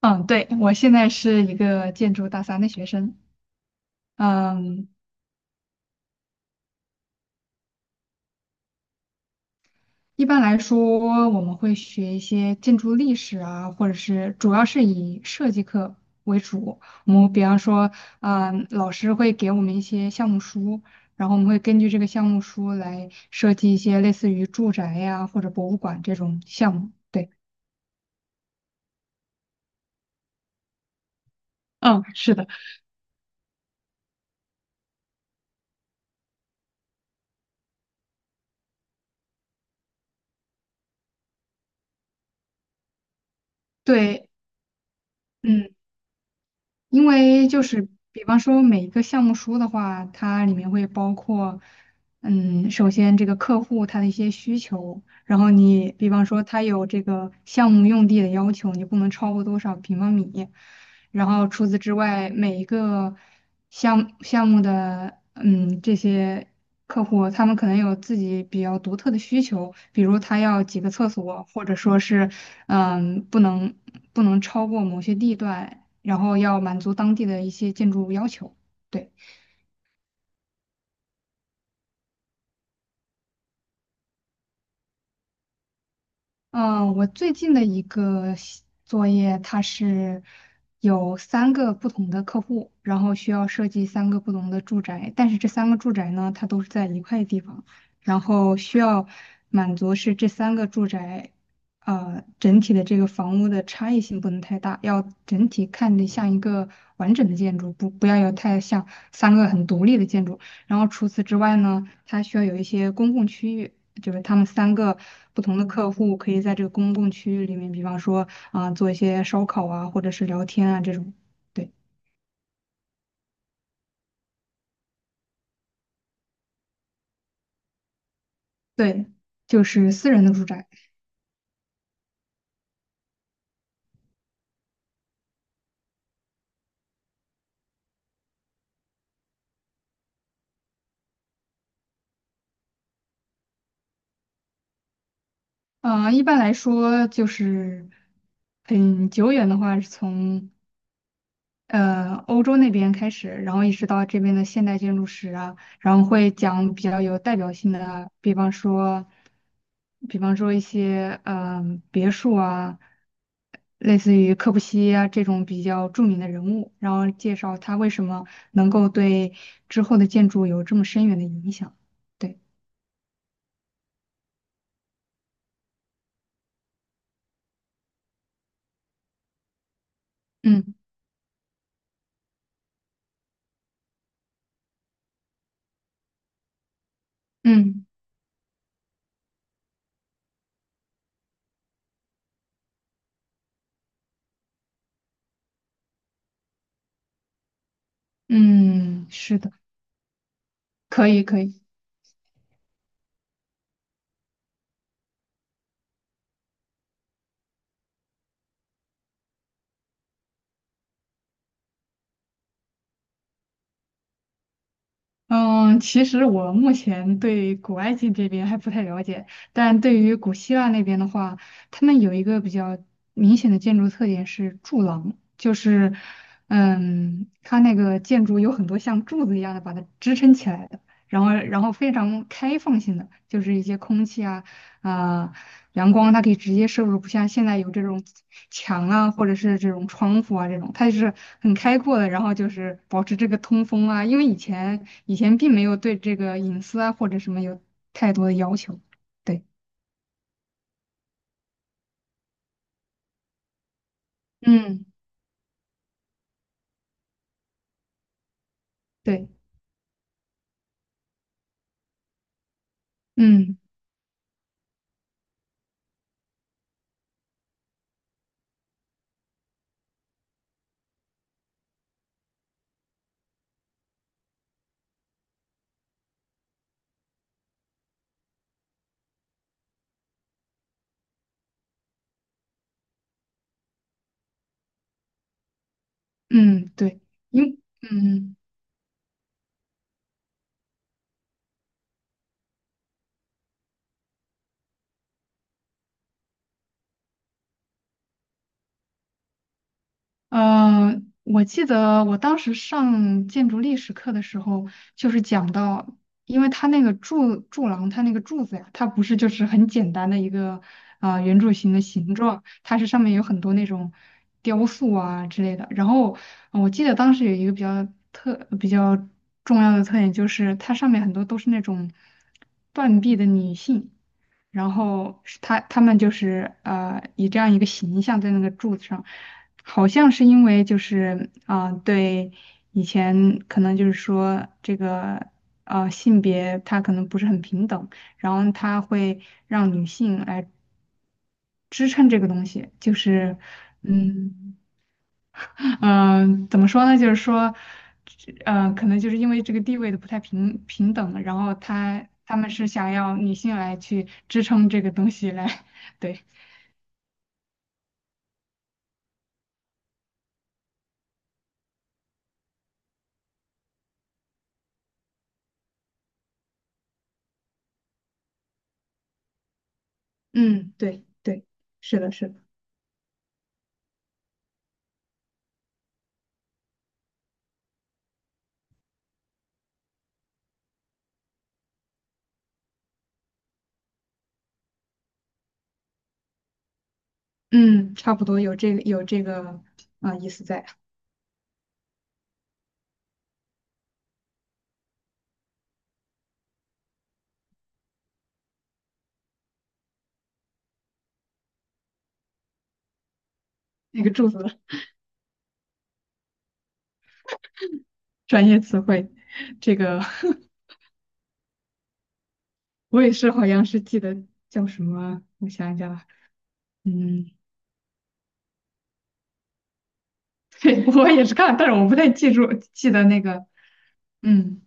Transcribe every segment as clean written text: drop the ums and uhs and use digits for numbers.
嗯，对，我现在是一个建筑大三的学生。嗯，一般来说，我们会学一些建筑历史啊，或者是主要是以设计课为主。我们比方说，老师会给我们一些项目书，然后我们会根据这个项目书来设计一些类似于住宅呀、或者博物馆这种项目。对，嗯，是的，对。嗯。因为就是比方说每一个项目书的话，它里面会包括，首先这个客户他的一些需求，然后你比方说他有这个项目用地的要求，你不能超过多少平方米，然后除此之外，每一个项目的这些客户，他们可能有自己比较独特的需求，比如他要几个厕所，或者说是嗯不能不能超过某些地段。然后要满足当地的一些建筑要求。对，嗯，我最近的一个西作业，它是有三个不同的客户，然后需要设计三个不同的住宅，但是这三个住宅呢，它都是在一块地方，然后需要满足是这三个住宅。整体的这个房屋的差异性不能太大，要整体看着像一个完整的建筑，不要有太像三个很独立的建筑。然后除此之外呢，它需要有一些公共区域，就是他们三个不同的客户可以在这个公共区域里面，比方说啊、做一些烧烤啊，或者是聊天啊这种。对对，就是私人的住宅。啊、一般来说就是很久远的话，是从欧洲那边开始，然后一直到这边的现代建筑史啊，然后会讲比较有代表性的，比方说，一些别墅啊，类似于柯布西耶啊这种比较著名的人物，然后介绍他为什么能够对之后的建筑有这么深远的影响。对，嗯嗯嗯，是的，可以可以。嗯，其实我目前对古埃及这边还不太了解，但对于古希腊那边的话，他们有一个比较明显的建筑特点是柱廊，就是，它那个建筑有很多像柱子一样的把它支撑起来的，然后非常开放性的，就是一些空气啊，啊、阳光它可以直接摄入，不像现在有这种墙啊，或者是这种窗户啊这种，它就是很开阔的，然后就是保持这个通风啊，因为以前并没有对这个隐私啊或者什么有太多的要求，对，嗯，对，嗯嗯对，因嗯。嗯，我记得我当时上建筑历史课的时候，就是讲到，因为它那个柱廊，它那个柱子呀，它不是就是很简单的一个圆柱形的形状，它是上面有很多那种雕塑啊之类的。然后我记得当时有一个比较比较重要的特点，就是它上面很多都是那种断臂的女性。然后是他们就是以这样一个形象在那个柱子上，好像是因为就是啊、对以前可能就是说这个性别它可能不是很平等，然后它会让女性来支撑这个东西，就是嗯嗯、怎么说呢？就是说可能就是因为这个地位的不太平等，然后他们是想要女性来去支撑这个东西来 对。嗯，对对，是的，是的，嗯，差不多有这个啊、意思在，那个柱子的专业词汇，这个 我也是好像是记得叫什么，我想一下啊，嗯，对，我也是看但是我不太记得那个，嗯，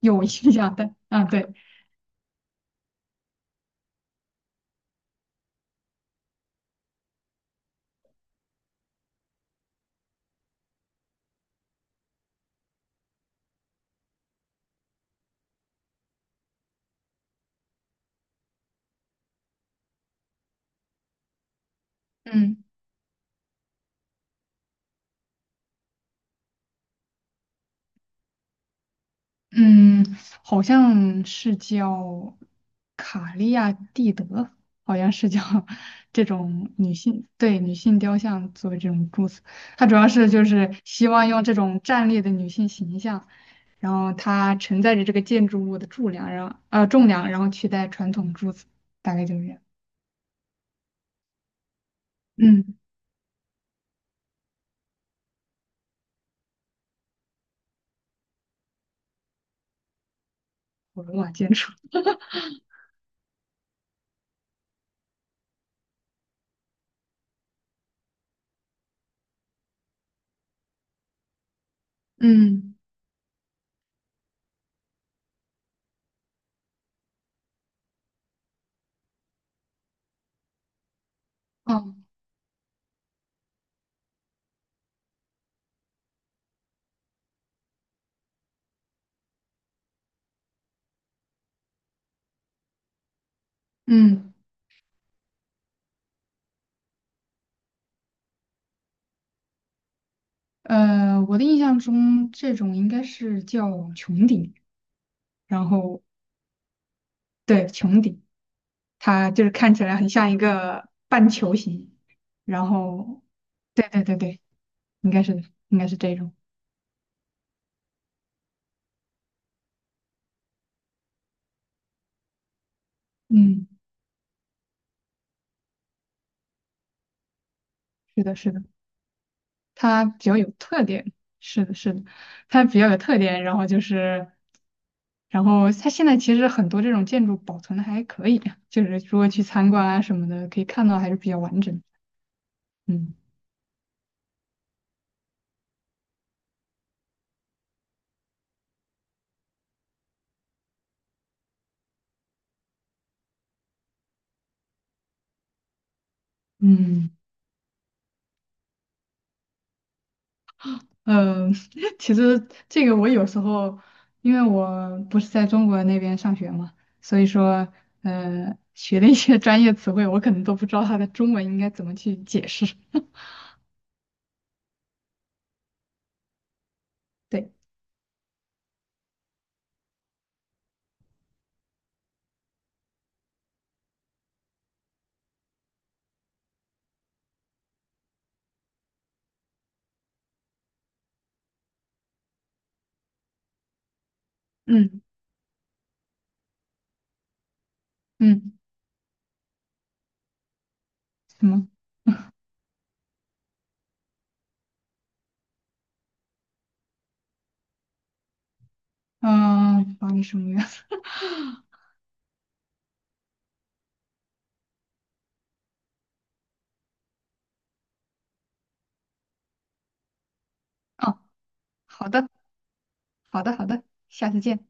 有印象的，啊对，嗯。嗯，好像是叫卡利亚蒂德，好像是叫 这种女性，对，女性雕像作为这种柱子，它主要是就是希望用这种站立的女性形象，然后它承载着这个建筑物的柱梁，然后重量，然后取代传统柱子，大概就是这样。嗯，我罗马建筑。嗯，哦，嗯，我的印象中这种应该是叫穹顶，然后对穹顶。它就是看起来很像一个半球形，然后，对对对对，应该是的，应该是这种，嗯，是的，是的，它比较有特点，是的，是的，它比较有特点，然后就是，然后它现在其实很多这种建筑保存的还可以，就是如果去参观啊什么的，可以看到还是比较完整，嗯嗯。嗯，其实这个我有时候，因为我不是在中国那边上学嘛，所以说，学的一些 专业词汇，我可能都不知道它的中文应该怎么去解释。对，嗯嗯，什么？嗯，法你什么呀？哦，好的，好的，好的，下次见。